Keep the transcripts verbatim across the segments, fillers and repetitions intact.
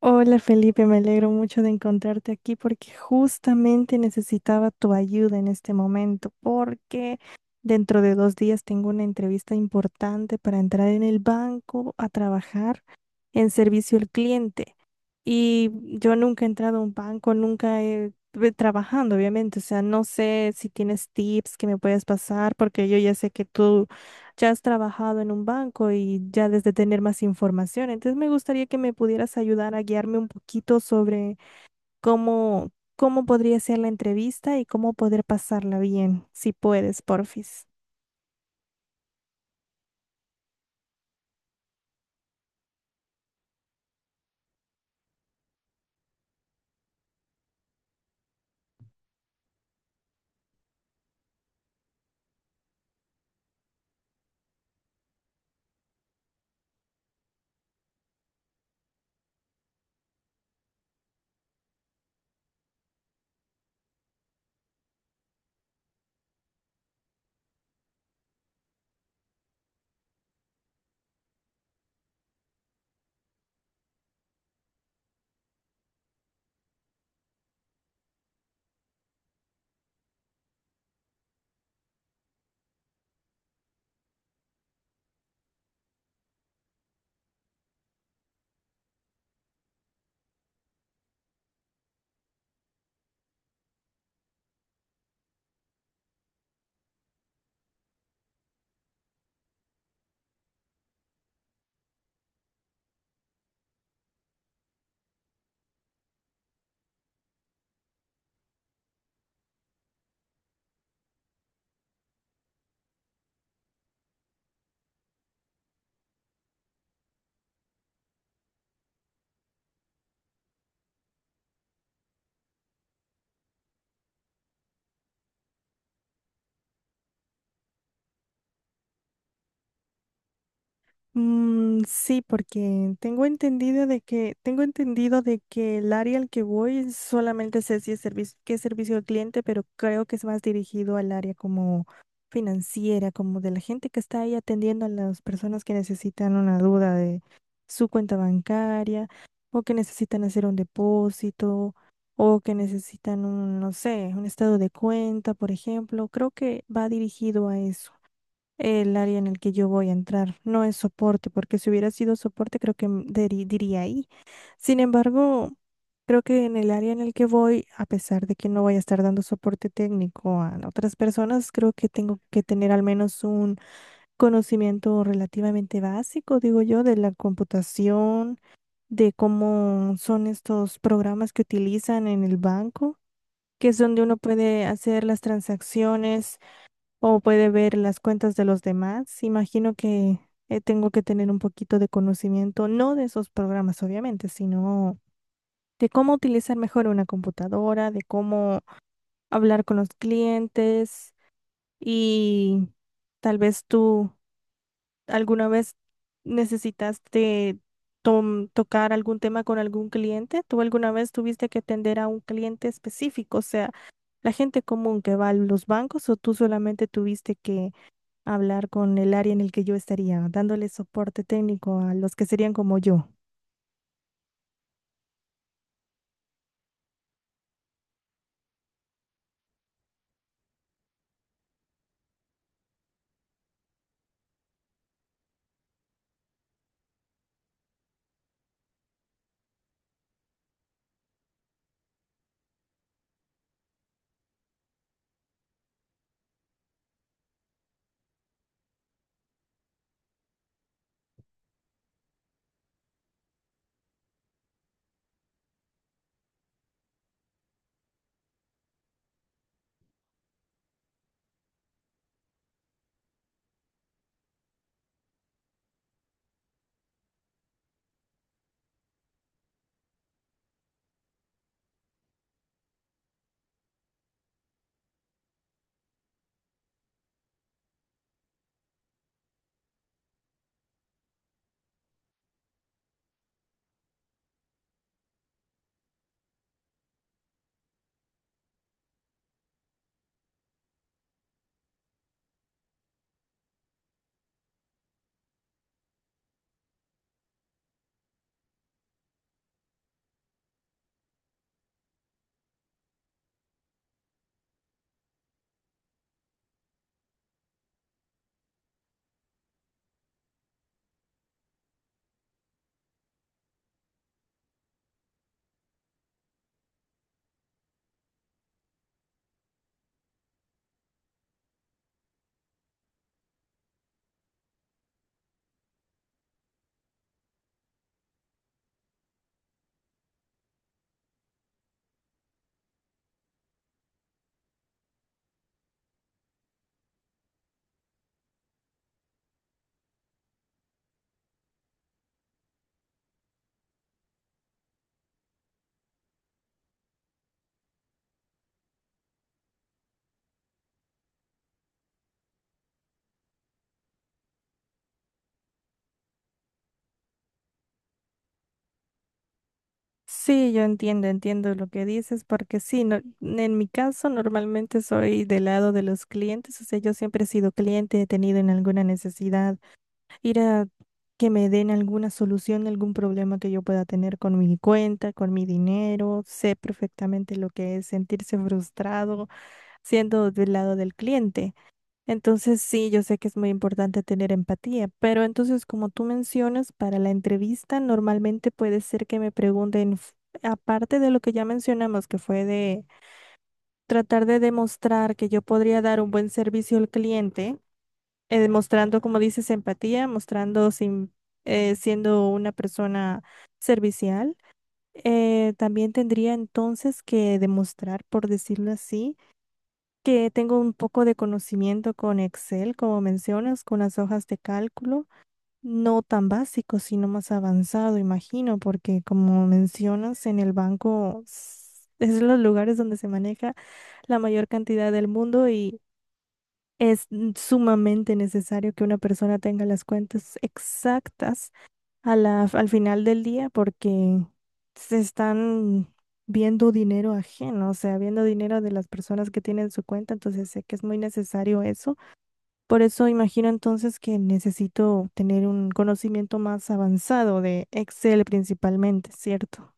Hola Felipe, me alegro mucho de encontrarte aquí porque justamente necesitaba tu ayuda en este momento porque dentro de dos días tengo una entrevista importante para entrar en el banco a trabajar en servicio al cliente. Y yo nunca he entrado a un banco, nunca he estuve trabajando, obviamente. O sea, no sé si tienes tips que me puedes pasar, porque yo ya sé que tú ya has trabajado en un banco y ya desde tener más información. Entonces me gustaría que me pudieras ayudar a guiarme un poquito sobre cómo, cómo podría ser la entrevista y cómo poder pasarla bien, si puedes, porfis. Mm, sí, porque tengo entendido de que tengo entendido de que el área al que voy solamente sé si es servicio, que es servicio al cliente, pero creo que es más dirigido al área como financiera, como de la gente que está ahí atendiendo a las personas que necesitan una duda de su cuenta bancaria o que necesitan hacer un depósito o que necesitan un, no sé, un estado de cuenta, por ejemplo. Creo que va dirigido a eso. El área en el que yo voy a entrar no es soporte, porque si hubiera sido soporte, creo que m- deri- diría ahí. Sin embargo, creo que en el área en el que voy, a pesar de que no voy a estar dando soporte técnico a otras personas, creo que tengo que tener al menos un conocimiento relativamente básico, digo yo, de la computación, de cómo son estos programas que utilizan en el banco, que es donde uno puede hacer las transacciones o puede ver las cuentas de los demás. Imagino que eh, tengo que tener un poquito de conocimiento, no de esos programas, obviamente, sino de cómo utilizar mejor una computadora, de cómo hablar con los clientes y tal vez tú alguna vez necesitaste tom- tocar algún tema con algún cliente. ¿Tú alguna vez tuviste que atender a un cliente específico, o sea, la gente común que va a los bancos, o tú solamente tuviste que hablar con el área en el que yo estaría, dándole soporte técnico a los que serían como yo? Sí, yo entiendo, entiendo lo que dices, porque sí, no- en mi caso normalmente soy del lado de los clientes, o sea, yo siempre he sido cliente, he tenido en alguna necesidad, ir a que me den alguna solución, algún problema que yo pueda tener con mi cuenta, con mi dinero. Sé perfectamente lo que es sentirse frustrado siendo del lado del cliente. Entonces, sí, yo sé que es muy importante tener empatía, pero entonces, como tú mencionas, para la entrevista normalmente puede ser que me pregunten, f- aparte de lo que ya mencionamos, que fue de tratar de demostrar que yo podría dar un buen servicio al cliente, eh, demostrando, como dices, empatía, mostrando sin, eh, siendo una persona servicial. Eh, también tendría entonces que demostrar, por decirlo así, que tengo un poco de conocimiento con Excel, como mencionas, con las hojas de cálculo, no tan básico, sino más avanzado, imagino, porque como mencionas, en el banco s- es los lugares donde se maneja la mayor cantidad del mundo y es mm, sumamente necesario que una persona tenga las cuentas exactas a la, al final del día, porque se están viendo dinero ajeno, o sea, viendo dinero de las personas que tienen su cuenta, entonces sé que es muy necesario eso. Por eso imagino entonces que necesito tener un conocimiento más avanzado de Excel principalmente, ¿cierto?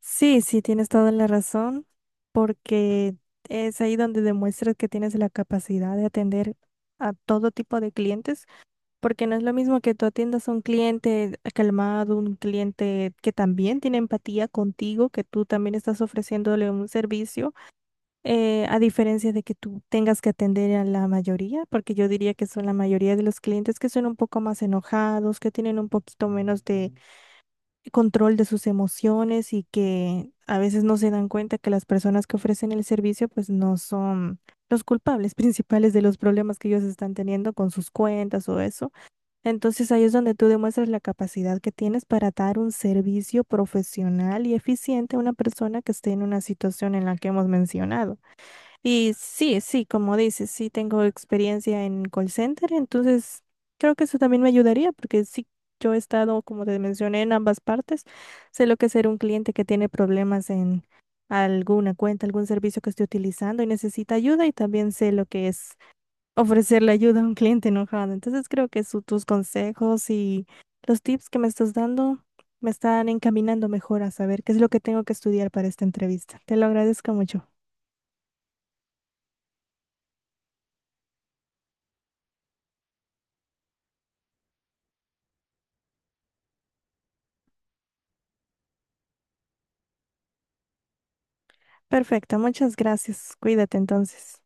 Sí, sí, tienes toda la razón, porque es ahí donde demuestras que tienes la capacidad de atender a todo tipo de clientes. Porque no es lo mismo que tú atiendas a un cliente calmado, un cliente que también tiene empatía contigo, que tú también estás ofreciéndole un servicio, eh, a diferencia de que tú tengas que atender a la mayoría, porque yo diría que son la mayoría de los clientes que son un poco más enojados, que tienen un poquito menos de control de sus emociones y que a veces no se dan cuenta que las personas que ofrecen el servicio pues no son los culpables principales de los problemas que ellos están teniendo con sus cuentas o eso. Entonces ahí es donde tú demuestras la capacidad que tienes para dar un servicio profesional y eficiente a una persona que esté en una situación en la que hemos mencionado. Y sí, sí, como dices, sí tengo experiencia en call center, entonces creo que eso también me ayudaría, porque sí, yo he estado, como te mencioné, en ambas partes. Sé lo que es ser un cliente que tiene problemas en alguna cuenta, algún servicio que esté utilizando y necesita ayuda, y también sé lo que es ofrecerle ayuda a un cliente enojado. Entonces creo que su- tus consejos y los tips que me estás dando me están encaminando mejor a saber qué es lo que tengo que estudiar para esta entrevista. Te lo agradezco mucho. Perfecto, muchas gracias. Cuídate entonces.